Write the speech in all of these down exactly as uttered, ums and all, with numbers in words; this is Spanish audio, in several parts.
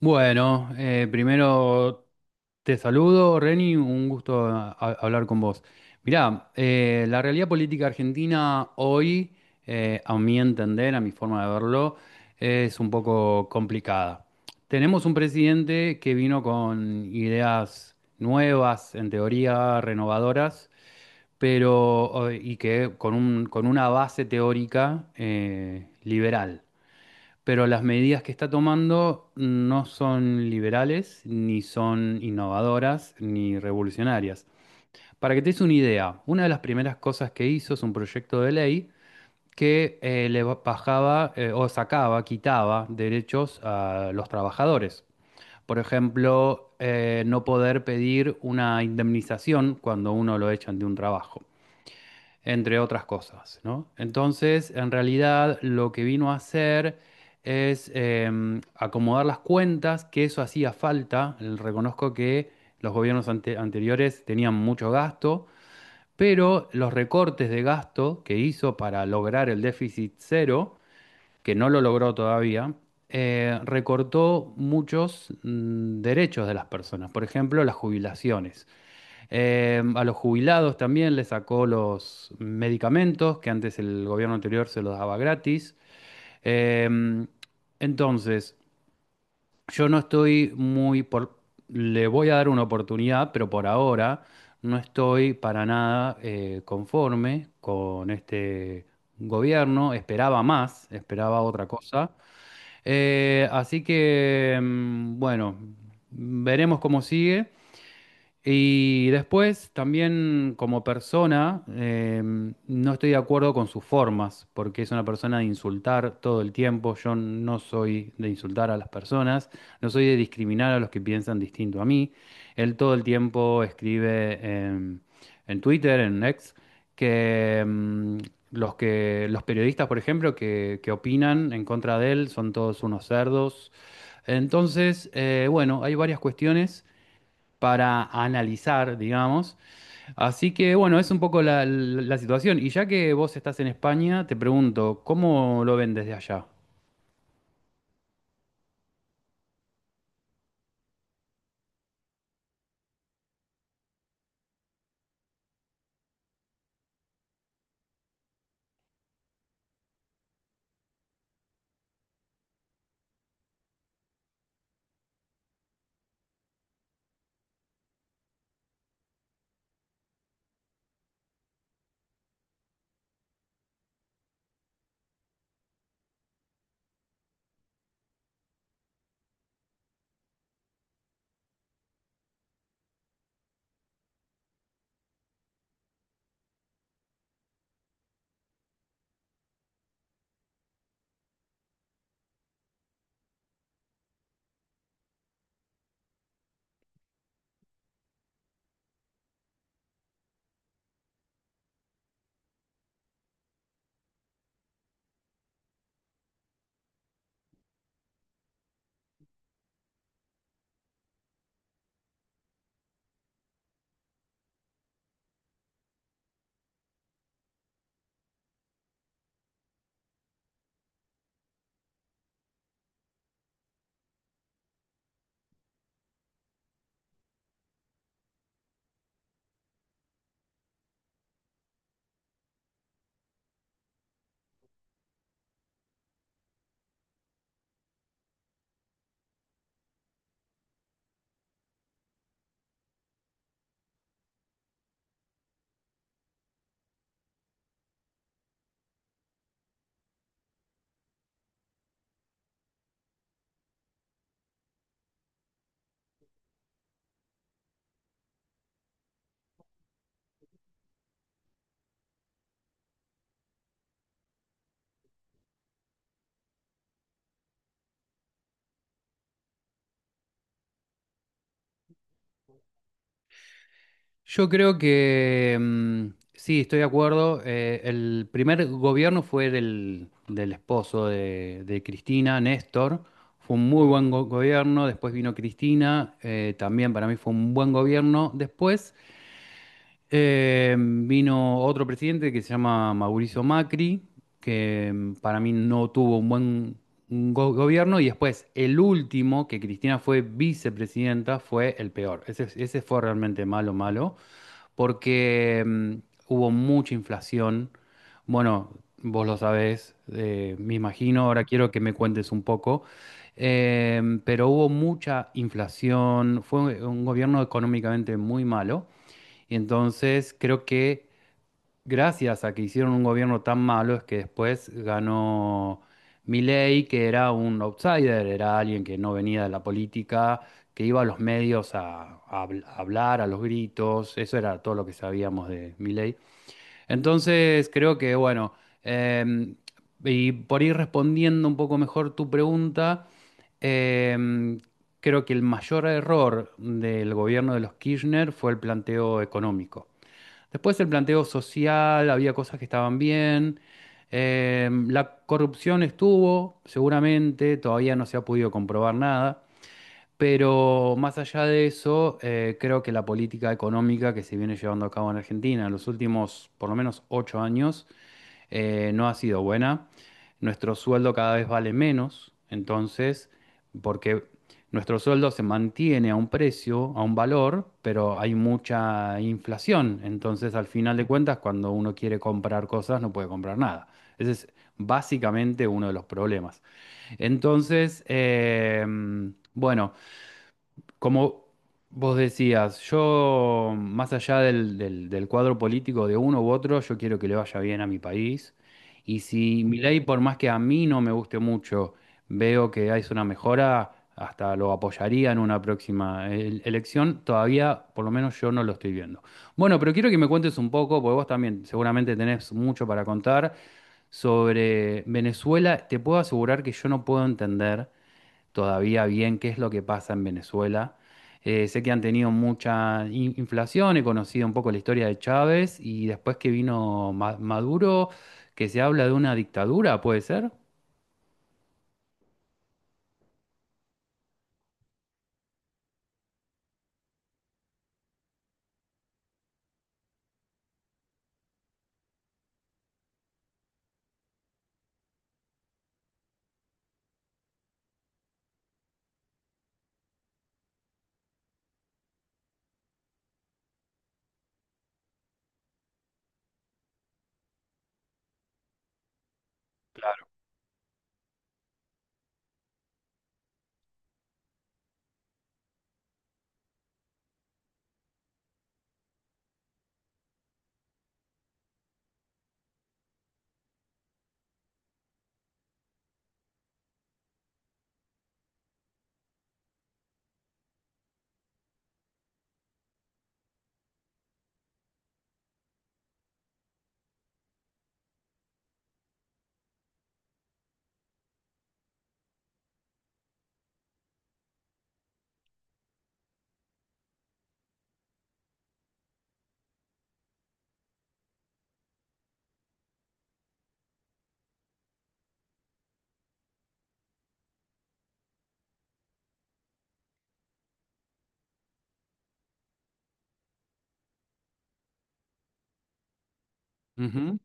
Bueno, eh, primero te saludo, Reni, un gusto a- a- hablar con vos. Mirá, eh, la realidad política argentina hoy, eh, a mi entender, a mi forma de verlo, es un poco complicada. Tenemos un presidente que vino con ideas nuevas, en teoría renovadoras, pero eh, y que con un- con una base teórica eh, liberal, pero las medidas que está tomando no son liberales, ni son innovadoras, ni revolucionarias. Para que te des una idea, una de las primeras cosas que hizo es un proyecto de ley que eh, le ba- bajaba, eh, o sacaba, quitaba derechos a los trabajadores. Por ejemplo, eh, no poder pedir una indemnización cuando uno lo echan de un trabajo, entre otras cosas, ¿no? Entonces, en realidad, lo que vino a hacer es em, acomodar las cuentas, que eso hacía falta. Eh, Reconozco que los gobiernos ante- anteriores tenían mucho gasto, pero los recortes de gasto que hizo para lograr el déficit cero, que no lo logró todavía, eh, recortó muchos mm, derechos de las personas, por ejemplo, las jubilaciones. Eh, a los jubilados también les sacó los medicamentos, que antes el gobierno anterior se los daba gratis. Eh, entonces, yo no estoy muy por... Le voy a dar una oportunidad, pero por ahora no estoy para nada eh, conforme con este gobierno. Esperaba más, esperaba otra cosa. Eh, así que, mm, bueno, veremos cómo sigue. Y después también como persona, em, no estoy de acuerdo con sus formas, porque es una persona de insultar todo el tiempo. Yo no soy de insultar a las personas, no soy de discriminar a los que piensan distinto a mí. Él todo el tiempo escribe en en Twitter, en X, que em, los que, los periodistas, por ejemplo, que, que opinan en contra de él son todos unos cerdos. Entonces, eh, bueno, hay varias cuestiones para analizar, digamos. Así que bueno, es un poco la, la- la situación. Y ya que vos estás en España, te pregunto, ¿cómo lo ven desde allá? Yo creo que mm, sí, estoy de acuerdo. Eh, el primer gobierno fue del, del esposo de, de Cristina, Néstor. Fue un muy buen go- gobierno. Después vino Cristina, eh, también para mí fue un buen gobierno. Después... Eh, vino otro presidente que se llama Mauricio Macri, que mm, para mí no tuvo un buen go- gobierno, y después el último, que Cristina fue vicepresidenta, fue el peor. Ese, ese fue realmente malo, malo, porque mm, hubo mucha inflación. Bueno, vos lo sabés, eh, me imagino, ahora quiero que me cuentes un poco. Eh, pero hubo mucha inflación, fue un gobierno económicamente muy malo. Entonces, creo que gracias a que hicieron un gobierno tan malo es que después ganó Milei, que era un outsider, era alguien que no venía de la política, que iba a los medios a, a habl- a hablar, a los gritos, eso era todo lo que sabíamos de Milei. Entonces, creo que, bueno, em, y por ir respondiendo un poco mejor tu pregunta, em, creo que el mayor error del gobierno de los Kirchner fue el planteo económico. Después el planteo social, había cosas que estaban bien. Eh, la corrupción estuvo, seguramente, todavía no se ha podido comprobar nada. Pero más allá de eso, eh, creo que la política económica que se viene llevando a cabo en Argentina en los últimos por lo menos ocho años eh, no ha sido buena. Nuestro sueldo cada vez vale menos, entonces, porque nuestro sueldo se mantiene a un precio, a un valor, pero hay mucha inflación. Entonces, al final de cuentas, cuando uno quiere comprar cosas, no puede comprar nada. Ese es básicamente uno de los problemas. Entonces, em, bueno. Como vos decías, yo, más allá del, del- del cuadro político de uno u otro, yo quiero que le vaya bien a mi país. Y si mi ley, por más que a mí no me guste mucho, veo que hay una mejora, hasta lo apoyaría en una próxima el- elección. Todavía, por lo menos yo no lo estoy viendo. Bueno, pero quiero que me cuentes un poco, porque vos también seguramente tenés mucho para contar sobre Venezuela. Te puedo asegurar que yo no puedo entender todavía bien qué es lo que pasa en Venezuela. Eh, sé que han tenido mucha in- inflación, he conocido un poco la historia de Chávez y después que vino Ma- Maduro, que se habla de una dictadura, ¿puede ser? Ujú.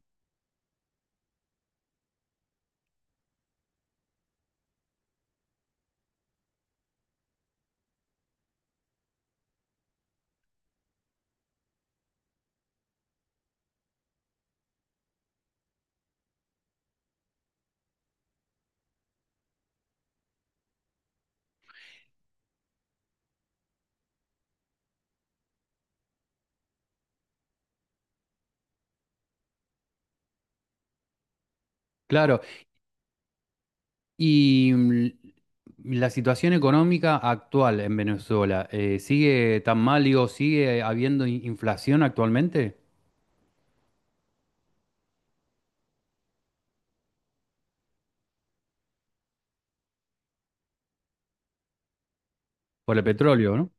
Claro. Y mm, la situación económica actual en Venezuela, eh, ¿sigue tan mal, digo, sigue habiendo in- inflación actualmente? Por el petróleo, ¿no?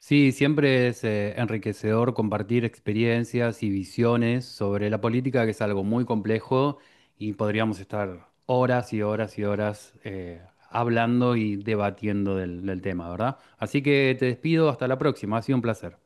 Sí, siempre es eh, enriquecedor compartir experiencias y visiones sobre la política, que es algo muy complejo y podríamos estar horas y horas y horas eh, hablando y debatiendo del, del tema, ¿verdad? Así que te despido, hasta la próxima, ha sido un placer.